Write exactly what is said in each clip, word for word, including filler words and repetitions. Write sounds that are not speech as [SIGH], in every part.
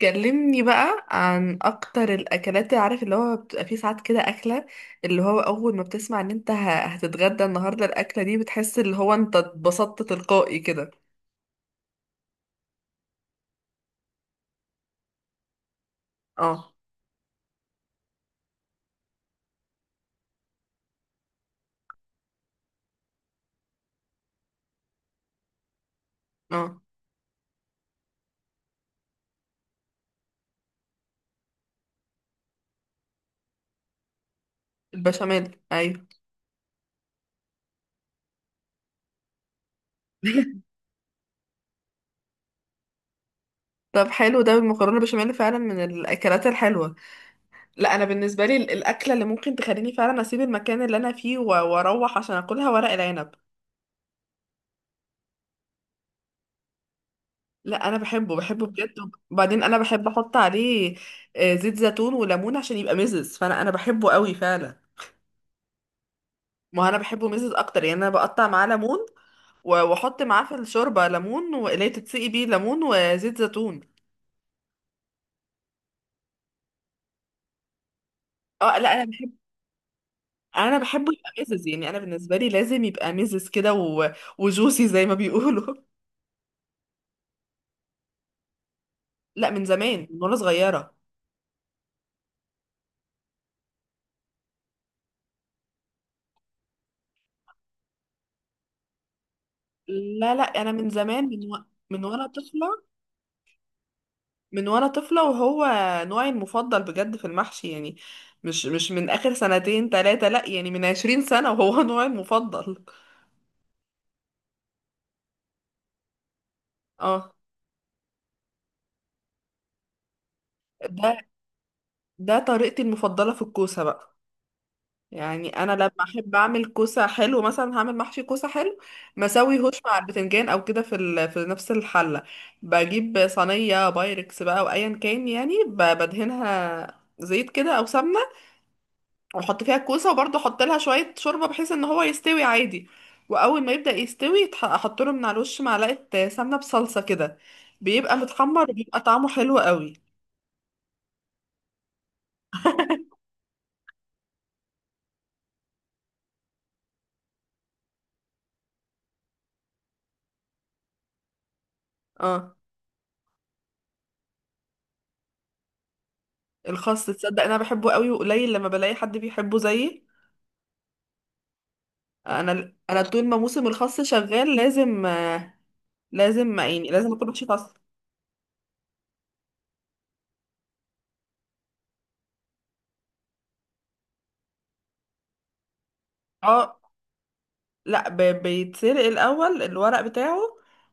كلمني بقى عن اكتر الاكلات اللي عارف، اللي هو بتبقى فيه ساعات كده اكله اللي هو اول ما بتسمع ان انت ه- هتتغدى النهارده الاكله دي، بتحس اللي هو انت اتبسطت تلقائي كده. اه، اه، البشاميل، ايوه. [LAUGHS] طب حلو، ده المكرونه البشاميل فعلا من الاكلات الحلوه. لا، انا بالنسبه لي ال- الاكله اللي ممكن تخليني فعلا اسيب المكان اللي انا فيه و- واروح عشان اكلها ورق العنب. لا انا بحبه بحبه بجد. وبعدين انا بحب احط عليه آه، زيت زيتون وليمون عشان يبقى مزز، فانا انا بحبه قوي فعلا. ما انا بحبه مزز اكتر، يعني انا بقطع معاه ليمون و- واحط معاه في الشوربه ليمون، واللي هي تتسقي بيه ليمون وزيت زيتون. اه. لا انا بحب انا بحبه يبقى مزز، يعني انا بالنسبه لي لازم يبقى مزز كده و... وجوسي زي ما بيقولوا. [LAUGHS] لا من زمان، من وانا صغيره. لا لا انا من زمان، من و... من وانا طفله. من وانا طفلة، وهو نوعي المفضل بجد في المحشي يعني. مش مش من اخر سنتين تلاتة، لا يعني من عشرين سنة وهو [LAUGHS] نوعي المفضل. اه. ده ده طريقتي المفضلة في الكوسة بقى. يعني انا لما احب اعمل كوسة حلو، مثلا هعمل محشي كوسة حلو مسوي هوش مع البتنجان او كده في ال... في نفس الحلة. بجيب صينية بايركس بقى، وايا كان، يعني ب- بدهنها زيت كده او سمنة، واحط فيها الكوسه، وبرضه احط لها شويه شوربه بحيث ان هو يستوي عادي. واول ما يبدا يستوي يتح- احط له من على الوش معلقه سمنه بصلصه كده، بيبقى متحمر وبيبقى طعمه حلو قوي. اه، الخس، تصدق انا بحبه قوي وقليل لما بلاقي حد بيحبه زيي. انا انا طول ما موسم الخس شغال لازم، آه، لازم يعني لازم اكل محشي خس. اه. لا، ب- بيتسلق الاول الورق بتاعه،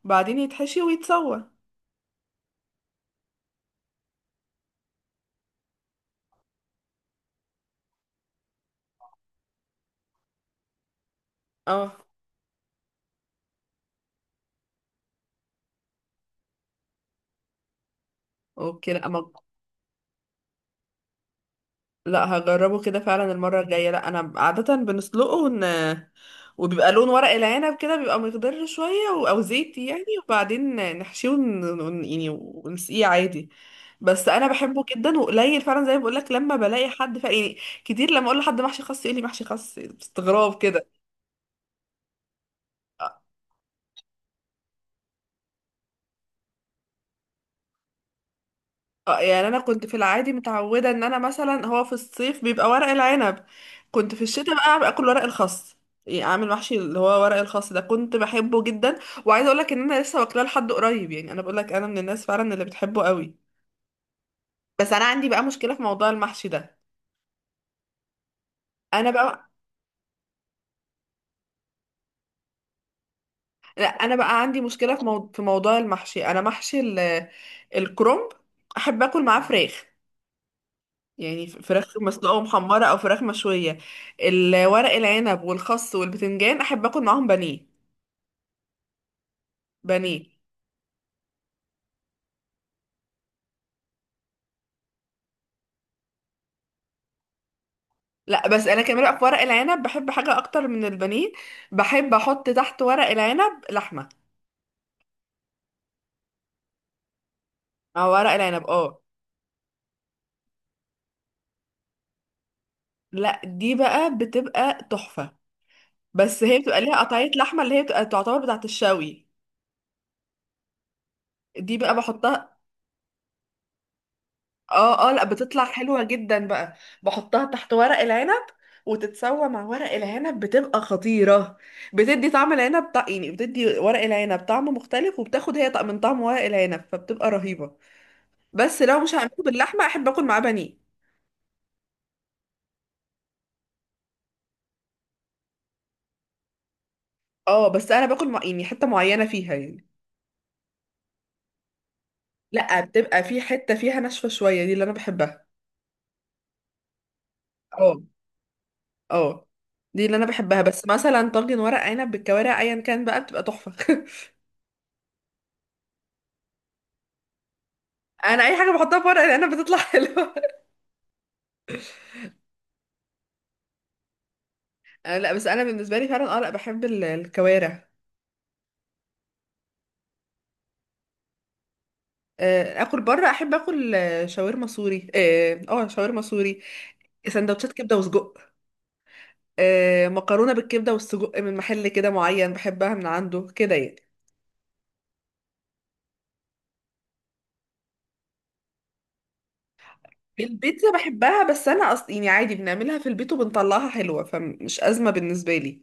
بعدين يتحشي ويتسوى. اه. اوكي. لا لا، هجربه كده فعلا المرة الجاية. لا أنا عادة بنسلقه ون... وبيبقى لون ورق العنب كده، بيبقى مخضر شوية و... أو زيتي يعني، وبعدين نحشيه ون... ون... يعني ونسقيه عادي. بس أنا بحبه جدا وقليل فعلا زي ما بقولك لما بلاقي حد فعلا يعني. كتير لما أقول لحد محشي خاص يقول لي محشي خاص باستغراب كده. اه. يعني انا كنت في العادي متعوده ان انا مثلا، هو في الصيف بيبقى ورق العنب، كنت في الشتاء بقى اكل ورق الخاص. يعني اعمل محشي اللي هو ورق الخاص ده، كنت بحبه جدا. وعايزه اقول لك ان انا لسه واكلاه لحد قريب، يعني انا بقول لك انا من الناس فعلا اللي بتحبه قوي. بس انا عندي بقى مشكله في موضوع المحشي ده. انا بقى لا انا بقى عندي مشكله في مو... في موضوع المحشي. انا محشي ال... الكرنب احب اكل معاه فراخ. يعني ف- فراخ مسلوقة ومحمرة أو فراخ مشوية. الورق العنب والخس والبتنجان أحب أكل معاهم بانيه. بانيه. لا بس أنا كمان بقى في ورق العنب بحب حاجة أكتر من البانيه. بحب أحط تحت ورق العنب لحمة. أو ورق العنب، اه. لا دي بقى بتبقى تحفة. بس هي بتبقى ليها قطعية لحمة اللي هي بتبقى تعتبر بتاعة الشوي. دي بقى بحطها. اه، اه، لا بتطلع حلوة جدا بقى. بحطها تحت ورق العنب وتتسوى مع ورق العنب، بتبقى خطيرة. بتدي طعم العنب طع... يعني بتدي ورق العنب طعم مختلف، وبتاخد هي طعم من طعم ورق العنب، فبتبقى رهيبة. بس لو مش هعمله باللحمة، احب اكل معاه بانيه. اه بس انا باكل مع... يعني حتة معينة فيها يعني. لا بتبقى في حتة فيها ناشفة شوية، دي اللي انا بحبها. اه. اه. دي اللي انا بحبها. بس مثلا طاجن ورق عنب بالكوارع ايا كان بقى بتبقى تحفة. [LAUGHS] انا اي حاجة بحطها في ورق العنب بتطلع [LAUGHS] حلوة. آه، لا بس انا بالنسبه لي فعلا اه، لا بحب ال- الكوارع. آه، اكل بره احب اكل آه، شاورما سوري. اه. آه، شاورما سوري، سندوتشات كبده وسجق. آه، مكرونه بالكبده والسجق من محل كده معين، بحبها من عنده كده يعني. البيتزا بحبها، بس انا اصلا يعني عادي بنعملها في البيت وبنطلعها حلوه، فمش ازمه بالنسبه لي.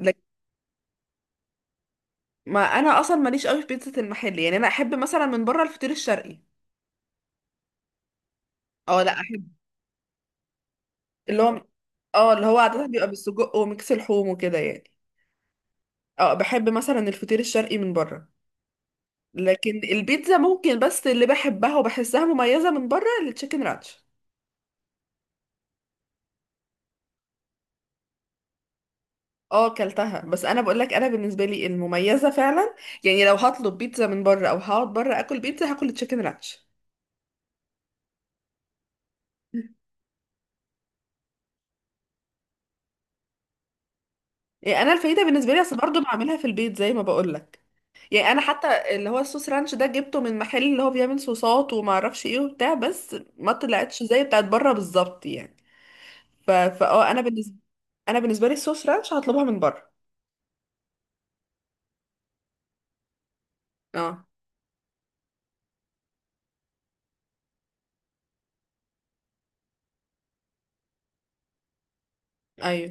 لكن ما انا اصلا ماليش قوي في بيتزا المحل، يعني انا احب مثلا من بره الفطير الشرقي. اه، لا، احب اللي هو اه اللي هو عاده بيبقى بالسجق وميكس لحوم وكده يعني. اه، بحب مثلا الفطير الشرقي من بره. لكن البيتزا ممكن، بس اللي بحبها وبحسها مميزة من بره التشيكن رانش. اه، كلتها، بس انا بقول لك انا بالنسبة لي المميزة فعلا يعني، لو هطلب بيتزا من بره او هقعد بره اكل بيتزا، هاكل التشيكن رانش. يعني انا الفايدة بالنسبة لي، اصل برضه بعملها في البيت زي ما بقول لك. يعني انا حتى اللي هو الصوص رانش ده جبته من محل اللي هو بيعمل صوصات وما اعرفش ايه وبتاع، بس ما طلعتش زي بتاعت بره بالظبط يعني. ف... فاه انا بالنسبة انا بالنسبة لي الصوص رانش هطلبها من بره. اه. ايوه.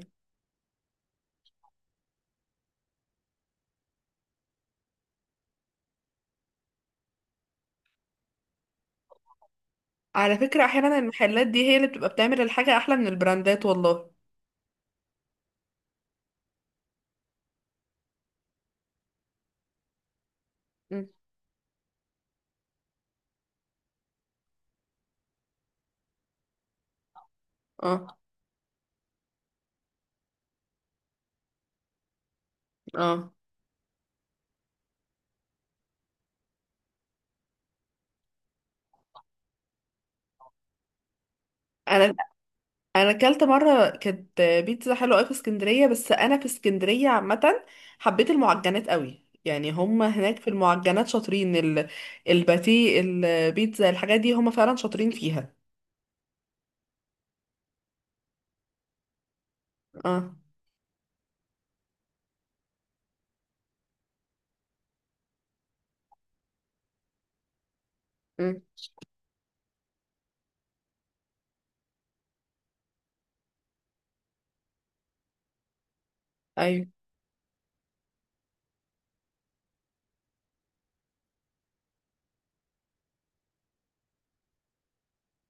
على فكرة احيانا المحلات دي هي اللي بتبقى بتعمل الحاجة احلى من البراندات والله. مم. اه، اه. انا انا اكلت مره كانت بيتزا حلوه قوي في اسكندريه. بس انا في اسكندريه عامه حبيت المعجنات قوي، يعني هم هناك في المعجنات شاطرين ال- الباتيه، البيتزا، الحاجات دي هم فعلا شاطرين فيها. اه. مم. ايوه.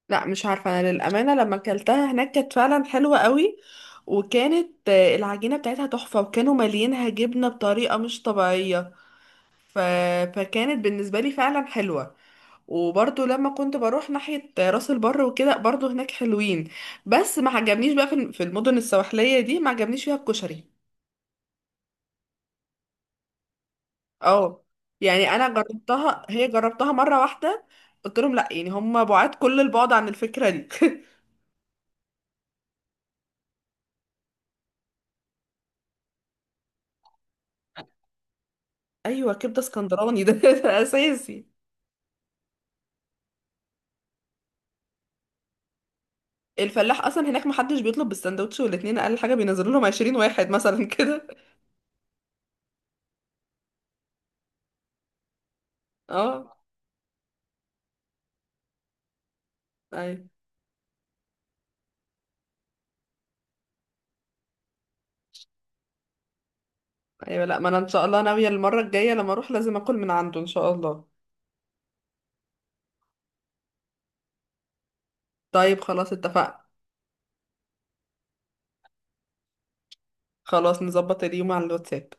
لا، مش عارفة، أنا للأمانة لما أكلتها هناك كانت فعلا حلوة قوي، وكانت آه، العجينة بتاعتها تحفة، وكانوا مالينها جبنة بطريقة مش طبيعية. ف... فكانت بالنسبة لي فعلا حلوة. وبرضو لما كنت بروح ناحية راس البر وكده، برضو هناك حلوين. بس ما عجبنيش بقى في في المدن السواحلية دي، ما عجبنيش فيها الكشري. اه. يعني أنا جربتها، هي جربتها مرة واحدة، قلت لهم لا، يعني هم بعاد كل البعد عن الفكرة دي. [LAUGHS] أيوة، كبدة اسكندراني ده [LAUGHS] ده أساسي. الفلاح اصلا هناك محدش بيطلب بالسندوتش، والاتنين اقل حاجه بينزلوا لهم عشرين واحد مثلا [LAUGHS] كده. اه. ايوه. ايوه، لا ما انا ان شاء الله ناويه المره الجايه لما اروح لازم اكل من عنده ان شاء الله. طيب، خلاص، اتفقنا. خلاص نظبط اليوم على الواتساب.